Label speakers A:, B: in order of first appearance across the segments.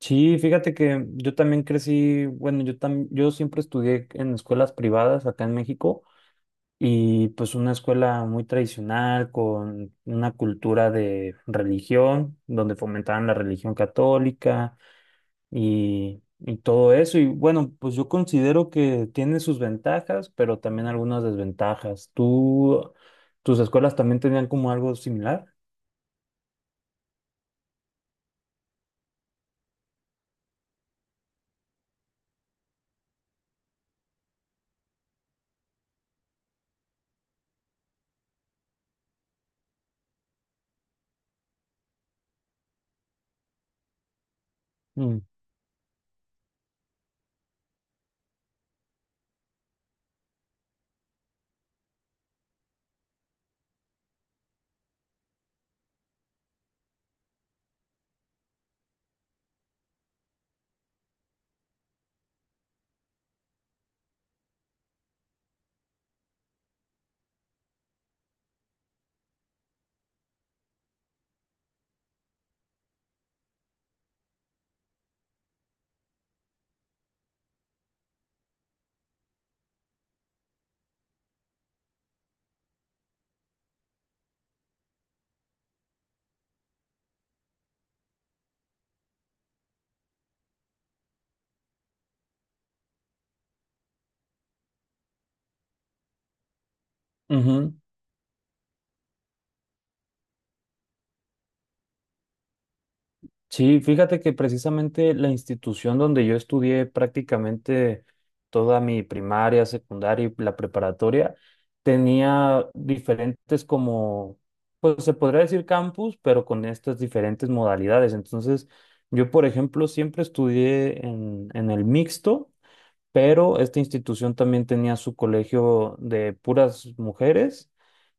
A: Sí, fíjate que yo también crecí, bueno, yo siempre estudié en escuelas privadas acá en México y pues una escuela muy tradicional con una cultura de religión, donde fomentaban la religión católica y todo eso. Y bueno, pues yo considero que tiene sus ventajas, pero también algunas desventajas. ¿Tú, tus escuelas también tenían como algo similar? Mm, ujú. Sí, fíjate que precisamente la institución donde yo estudié prácticamente toda mi primaria, secundaria y la preparatoria tenía diferentes como, pues se podría decir campus, pero con estas diferentes modalidades. Entonces, yo, por ejemplo, siempre estudié en el mixto, pero esta institución también tenía su colegio de puras mujeres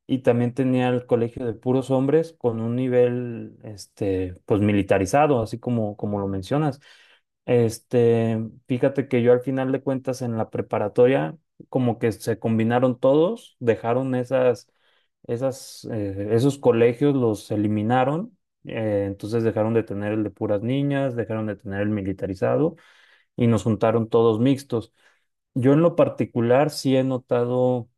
A: y también tenía el colegio de puros hombres con un nivel, este, pues militarizado, así como, como lo mencionas. Este, fíjate que yo al final de cuentas en la preparatoria, como que se combinaron todos, dejaron esas, esos colegios, los eliminaron, entonces dejaron de tener el de puras niñas, dejaron de tener el militarizado y nos juntaron todos mixtos. Yo en lo particular sí he notado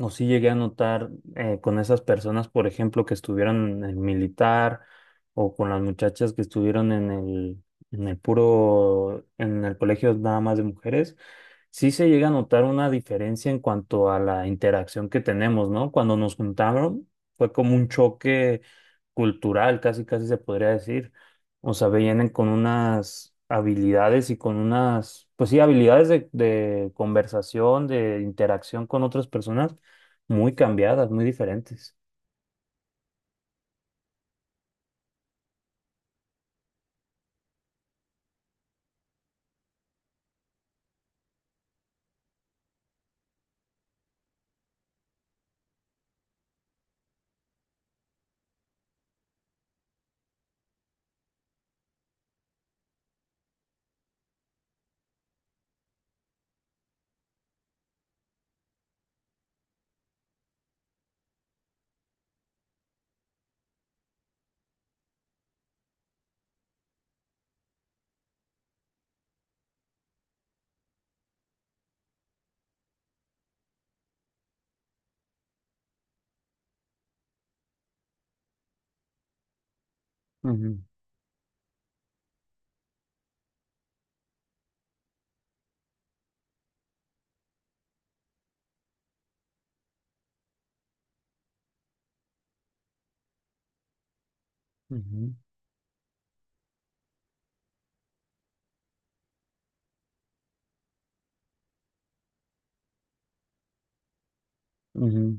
A: o sí llegué a notar con esas personas, por ejemplo, que estuvieron en el militar o con las muchachas que estuvieron en el, en el colegio nada más de mujeres, sí se llega a notar una diferencia en cuanto a la interacción que tenemos, ¿no? Cuando nos juntaron fue como un choque cultural, casi casi se podría decir. O sea, vienen con unas habilidades y con unas, pues sí, habilidades de conversación, de interacción con otras personas muy cambiadas, muy diferentes. Ujú, ujú, ujú.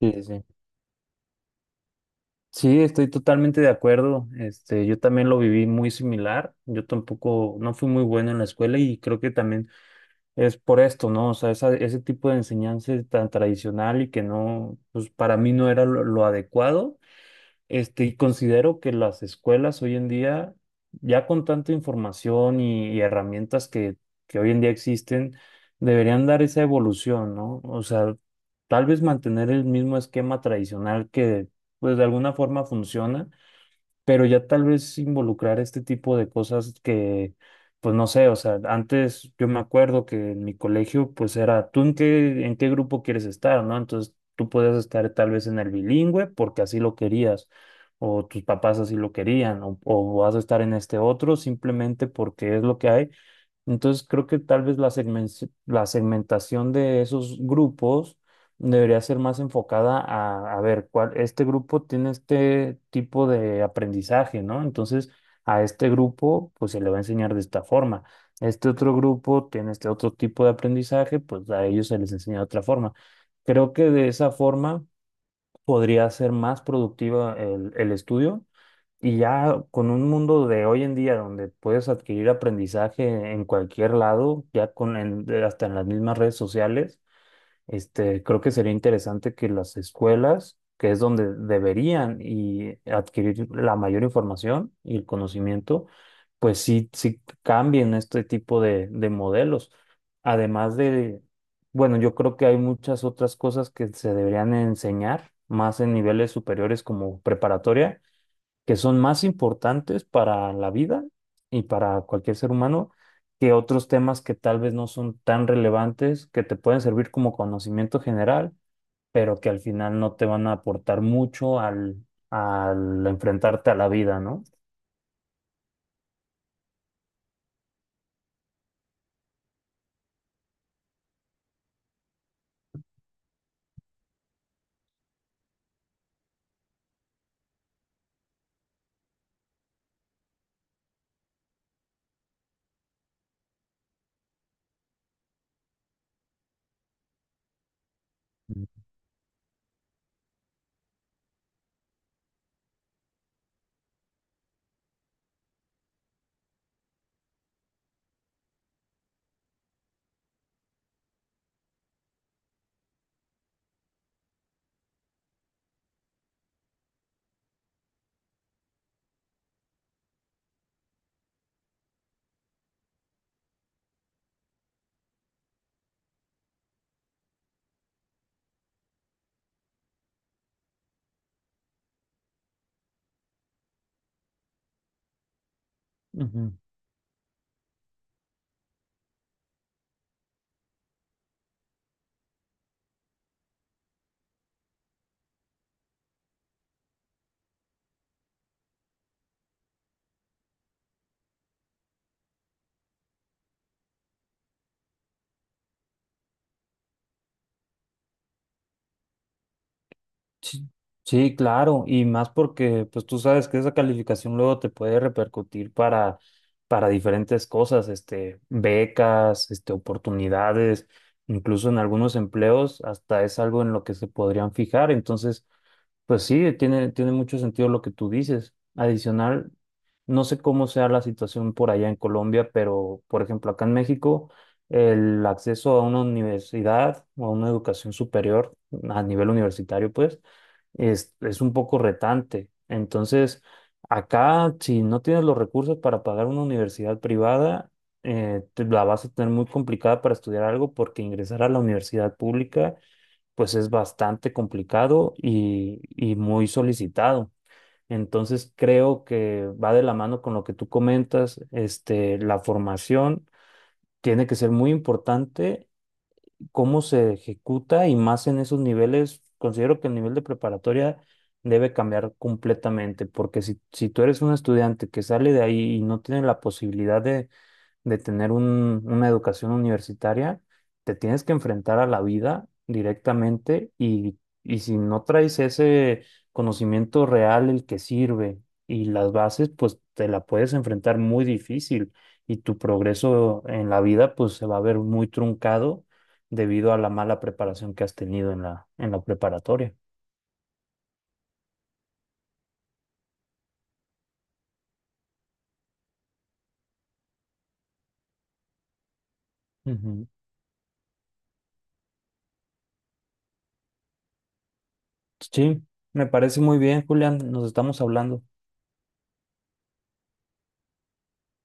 A: Sí, sí. Sí, Sí, estoy totalmente de acuerdo. Este, yo también lo viví muy similar. Yo tampoco, no fui muy bueno en la escuela y creo que también es por esto, ¿no? O sea, ese tipo de enseñanza tan tradicional y que no, pues para mí no era lo adecuado. Este, y considero que las escuelas hoy en día, ya con tanta información y herramientas que hoy en día existen, deberían dar esa evolución, ¿no? O sea, tal vez mantener el mismo esquema tradicional que, pues, de alguna forma funciona pero ya tal vez involucrar este tipo de cosas que, pues no sé, o sea, antes yo me acuerdo que en mi colegio pues era, ¿tú en qué grupo quieres estar, no? Entonces tú podías estar tal vez en el bilingüe porque así lo querías, o tus papás así lo querían, o vas a estar en este otro simplemente porque es lo que hay entonces creo que tal vez la segmentación de esos grupos debería ser más enfocada a ver cuál, este grupo tiene este tipo de aprendizaje, ¿no? Entonces a este grupo pues se le va a enseñar de esta forma. Este otro grupo tiene este otro tipo de aprendizaje, pues a ellos se les enseña de otra forma. Creo que de esa forma podría ser más productiva el estudio y ya con un mundo de hoy en día donde puedes adquirir aprendizaje en cualquier lado, ya con hasta en las mismas redes sociales, este, creo que sería interesante que las escuelas, que es donde deberían y adquirir la mayor información y el conocimiento, pues sí, sí cambien este tipo de modelos. Además de, bueno, yo creo que hay muchas otras cosas que se deberían enseñar más en niveles superiores como preparatoria que son más importantes para la vida y para cualquier ser humano que otros temas que tal vez no son tan relevantes, que te pueden servir como conocimiento general, pero que al final no te van a aportar mucho al, al enfrentarte a la vida, ¿no? Ujú. Sí, sí, claro, y más porque pues tú sabes que esa calificación luego te puede repercutir para diferentes cosas, este, becas, este, oportunidades, incluso en algunos empleos hasta es algo en lo que se podrían fijar. Entonces, pues sí, tiene, tiene mucho sentido lo que tú dices. Adicional, no sé cómo sea la situación por allá en Colombia, pero por ejemplo, acá en México, el acceso a una universidad o a una educación superior a nivel universitario, pues, es un poco retante. Entonces, acá, si no tienes los recursos para pagar una universidad privada, te la vas a tener muy complicada para estudiar algo porque ingresar a la universidad pública pues es bastante complicado y muy solicitado. Entonces creo que va de la mano con lo que tú comentas, este, la formación tiene que ser muy importante, cómo se ejecuta y más en esos niveles, considero que el nivel de preparatoria debe cambiar completamente, porque si, si tú eres un estudiante que sale de ahí y no tiene la posibilidad de tener una educación universitaria, te tienes que enfrentar a la vida directamente y si no traes ese conocimiento real, el que sirve y las bases, pues te la puedes enfrentar muy difícil y tu progreso en la vida pues se va a ver muy truncado debido a la mala preparación que has tenido en la preparatoria. Ujú. Sí, me parece muy bien, Julián, nos estamos hablando.